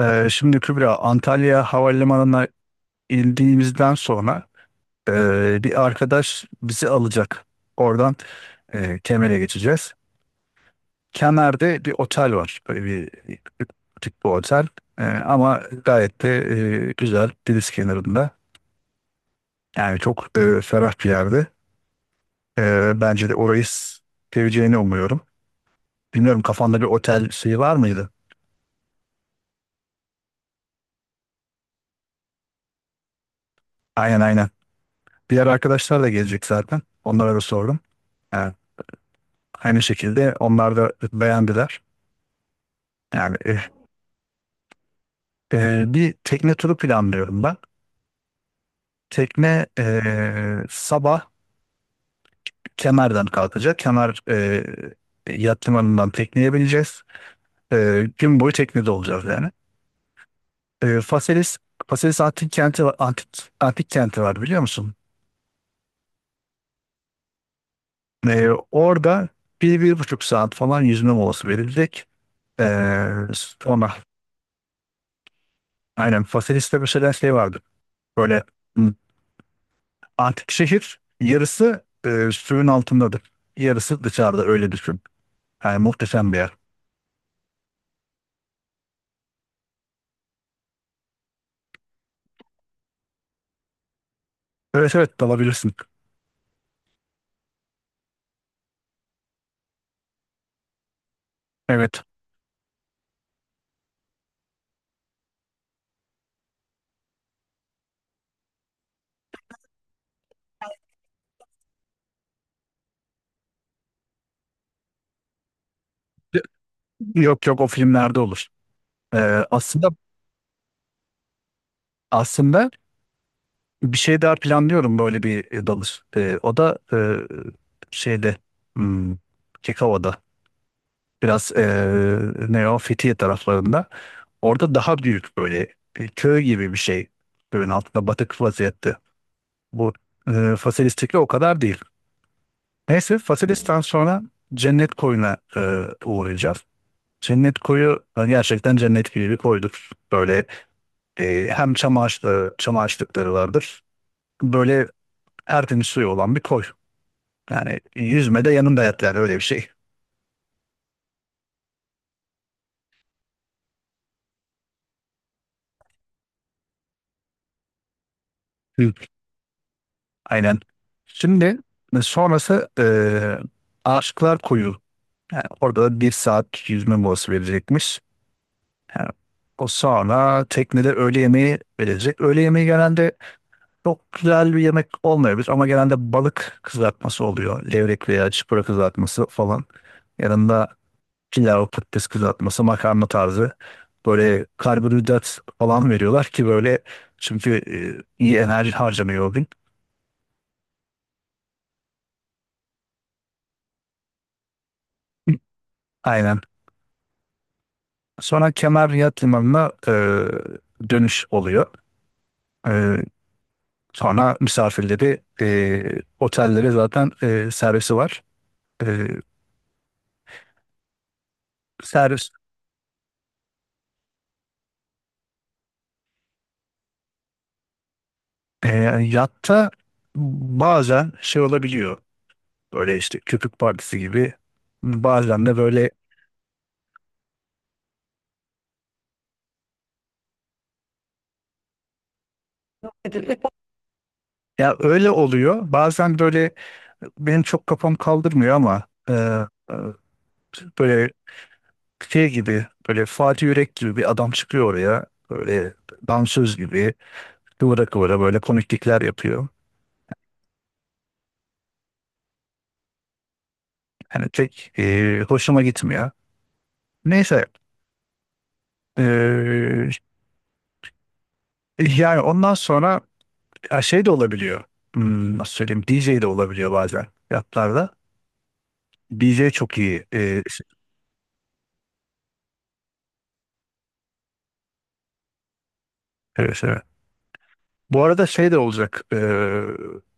Şimdi Kübra, Antalya Havalimanı'na indiğimizden sonra bir arkadaş bizi alacak. Oradan Kemer'e geçeceğiz. Kemer'de bir otel var. Böyle bir butik bir otel. Ama gayet de güzel. Deniz kenarında. Yani çok ferah bir yerde. Bence de orayı seveceğini umuyorum. Bilmiyorum kafanda bir otel şeyi var mıydı? Aynen aynen. Diğer arkadaşlar da gelecek zaten. Onlara da sordum. Ee, Aynı şekilde onlar da beğendiler. Yani bir tekne turu planlıyorum ben. Tekne sabah Kemer'den kalkacak. Kemer yat limanından tekneye bineceğiz. Gün boyu teknede olacağız yani. Faselis, Faselis antik kenti var, antik kenti var biliyor musun? Orada bir, bir buçuk saat falan yüzme molası verilecek. Sonra aynen Faselis'te mesela şey vardı. Böyle hmm, antik şehir yarısı suyun altındadır. Yarısı dışarıda öyle düşün. Yani muhteşem bir yer. Evet evet dalabilirsin. Evet. Yok yok o filmlerde olur. E, aslında aslında bir şey daha planlıyorum böyle bir dalış. O da şeyde hmm, Kekova'da biraz ne o Fethiye taraflarında. Orada daha büyük böyle köy gibi bir şey. Suyun altında batık vaziyette. Bu Faselistik'le o kadar değil. Neyse Faselis'ten sonra Cennet Koyu'na uğrayacağız. Cennet Koyu gerçekten cennet gibi bir koydur. Böyle hem çam ağaçları, çam ağaçlıkları vardır. Böyle tertemiz suyu olan bir koy. Yani yüzme de yanında yat yani öyle bir şey. Hı. Aynen. Şimdi sonrası Aşıklar Koyu. Yani orada da bir saat yüzme molası verecekmiş. Yani o sonra teknede öğle yemeği verecek. Öğle yemeği genelde çok güzel bir yemek olmayabilir ama genelde balık kızartması oluyor. Levrek veya çıpra kızartması falan. Yanında pilav, patates kızartması, makarna tarzı. Böyle karbonhidrat falan veriyorlar ki böyle çünkü iyi enerji harcanıyor o gün. Aynen. Sonra Kemer Yat Limanı'na dönüş oluyor. E, Sonra misafirleri otellere zaten servisi var. E, servis E, Yatta bazen şey olabiliyor. Böyle işte köpük partisi gibi. Bazen de böyle ya öyle oluyor. Bazen böyle benim çok kafam kaldırmıyor ama e, böyle şey gibi böyle Fatih Yürek gibi bir adam çıkıyor oraya. Böyle dansöz gibi kıvıra kıvıra böyle komiklikler yapıyor. Yani pek hoşuma gitmiyor. Neyse e, yani ondan sonra ya şey de olabiliyor. Hmm, nasıl söyleyeyim? DJ de olabiliyor bazen fiyatlarda. DJ çok iyi. Evet, evet. Bu arada şey de olacak.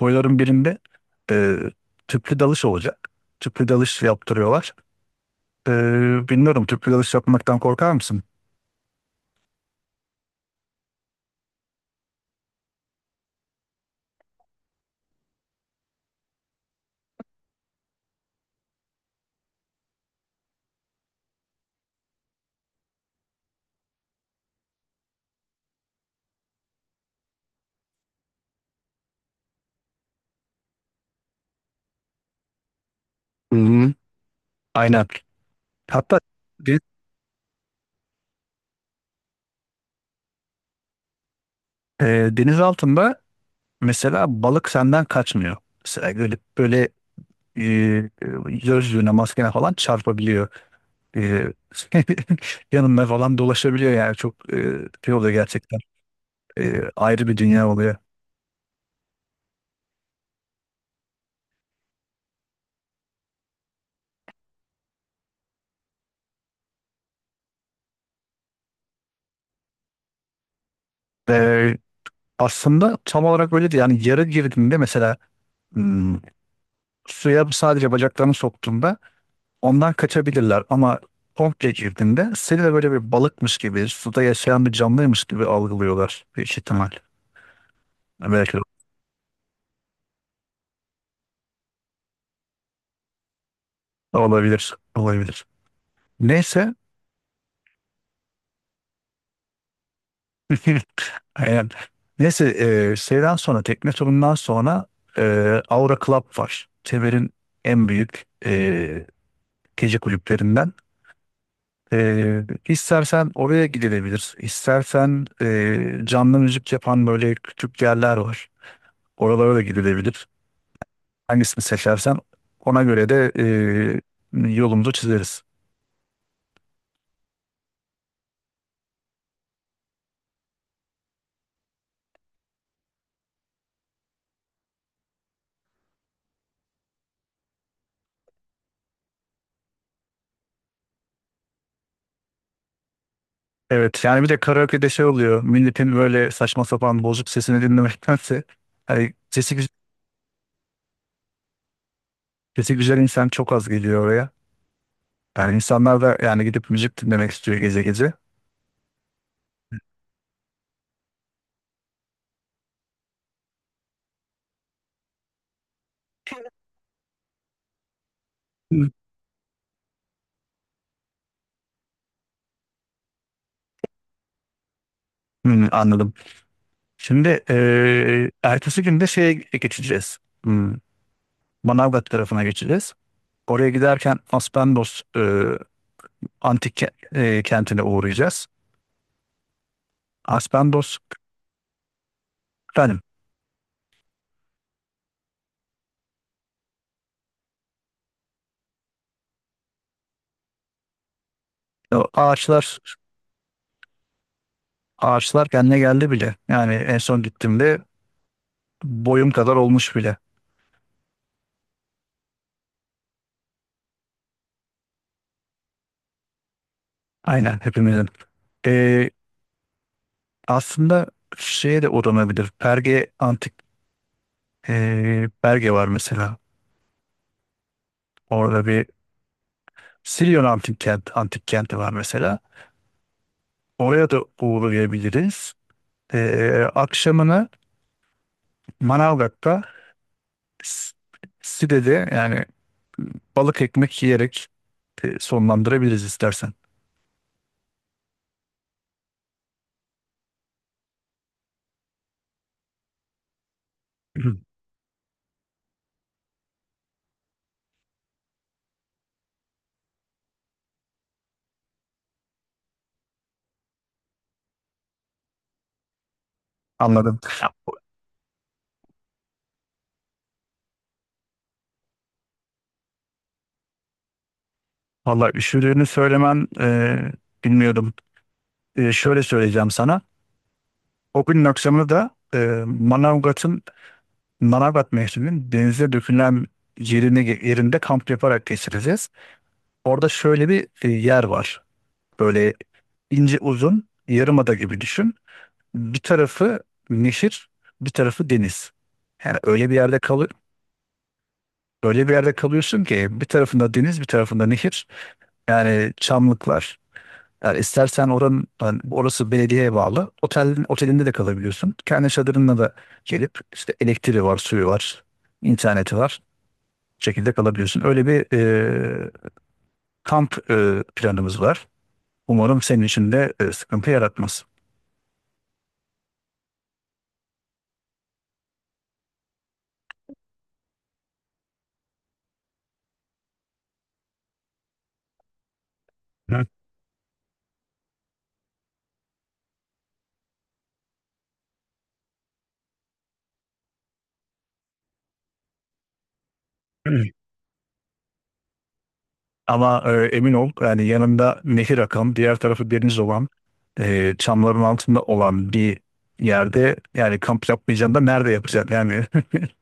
Boyların birinde ee, tüplü dalış olacak. Tüplü dalış yaptırıyorlar. Bilmiyorum tüplü dalış yapmaktan korkar mısın? Hı-hı. Aynen. Hatta de- deniz altında mesela balık senden kaçmıyor. Mesela böyle e, gözlüğüne, maskene falan çarpabiliyor. E, yanına falan dolaşabiliyor yani çok şey oluyor gerçekten. Ayrı bir dünya oluyor. Ve aslında tam olarak öyle değil. Yani yara girdiğinde mesela hmm, suya sadece bacaklarını soktuğunda ondan kaçabilirler ama komple girdiğinde seni de böyle bir balıkmış gibi, suda yaşayan bir canlıymış gibi algılıyorlar büyük ihtimal. Belki de olabilir, olabilir. Neyse aynen. Neyse e, şeyden sonra tekne turundan sonra e, Aura Club var. Teber'in en büyük gece kulüplerinden. E, istersen oraya gidilebilir. İstersen canlı müzik yapan böyle küçük yerler var. Oralara da gidilebilir. Hangisini seçersen ona göre de yolumuzu çizeriz. Evet yani bir de karaoke'de şey oluyor. Milletin böyle saçma sapan bozuk sesini dinlemektense hani sesi, gü- sesi güzel insan çok az geliyor oraya. Yani insanlar da yani gidip müzik dinlemek istiyor gece gece. Hı. Hmm, anladım. Şimdi ertesi gün de şeye geçeceğiz. Hmm, Manavgat tarafına geçeceğiz. Oraya giderken Aspendos kentine uğrayacağız. Aspendos efendim o ağaçlar ağaçlar kendine geldi bile. Yani en son gittiğimde boyum kadar olmuş bile. Aynen hepimizin. Aslında şeye de uğranabilir. Perge var mesela. Orada bir antik kenti var mesela. Oraya da uğrayabiliriz. Akşamını Manavgat'ta S- Side'de yani balık ekmek yiyerek sonlandırabiliriz istersen. Hı. Anladım. Vallahi üşüdüğünü söylemen bilmiyordum. Şöyle söyleyeceğim sana. O günün akşamını da Manavgat'ın Manavgat mevsiminin denize dökülen yerine, yerinde kamp yaparak geçireceğiz. Orada şöyle bir yer var. Böyle ince uzun yarımada gibi düşün. Bir tarafı nehir, bir tarafı deniz. Yani öyle bir yerde kalı Öyle bir yerde kalıyorsun ki bir tarafında deniz, bir tarafında nehir. Yani çamlıklar. Yani istersen oranın yani orası belediyeye bağlı. Otelinde de kalabiliyorsun. Kendi çadırınla da gelip işte elektriği var, suyu var, interneti var. Şekilde kalabiliyorsun. Öyle bir kamp planımız var. Umarım senin için de sıkıntı yaratmaz. Hı. Ama emin ol yani yanında nehir akan, diğer tarafı deniz olan, çamların altında olan bir yerde yani kamp yapmayacaksın da nerede yapacaksın yani.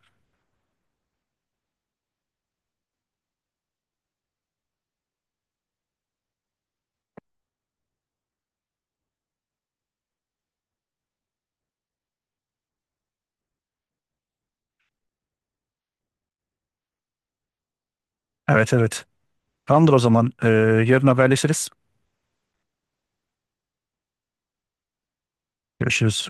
Evet evet. Tamamdır o zaman. Yarın haberleşiriz. Görüşürüz.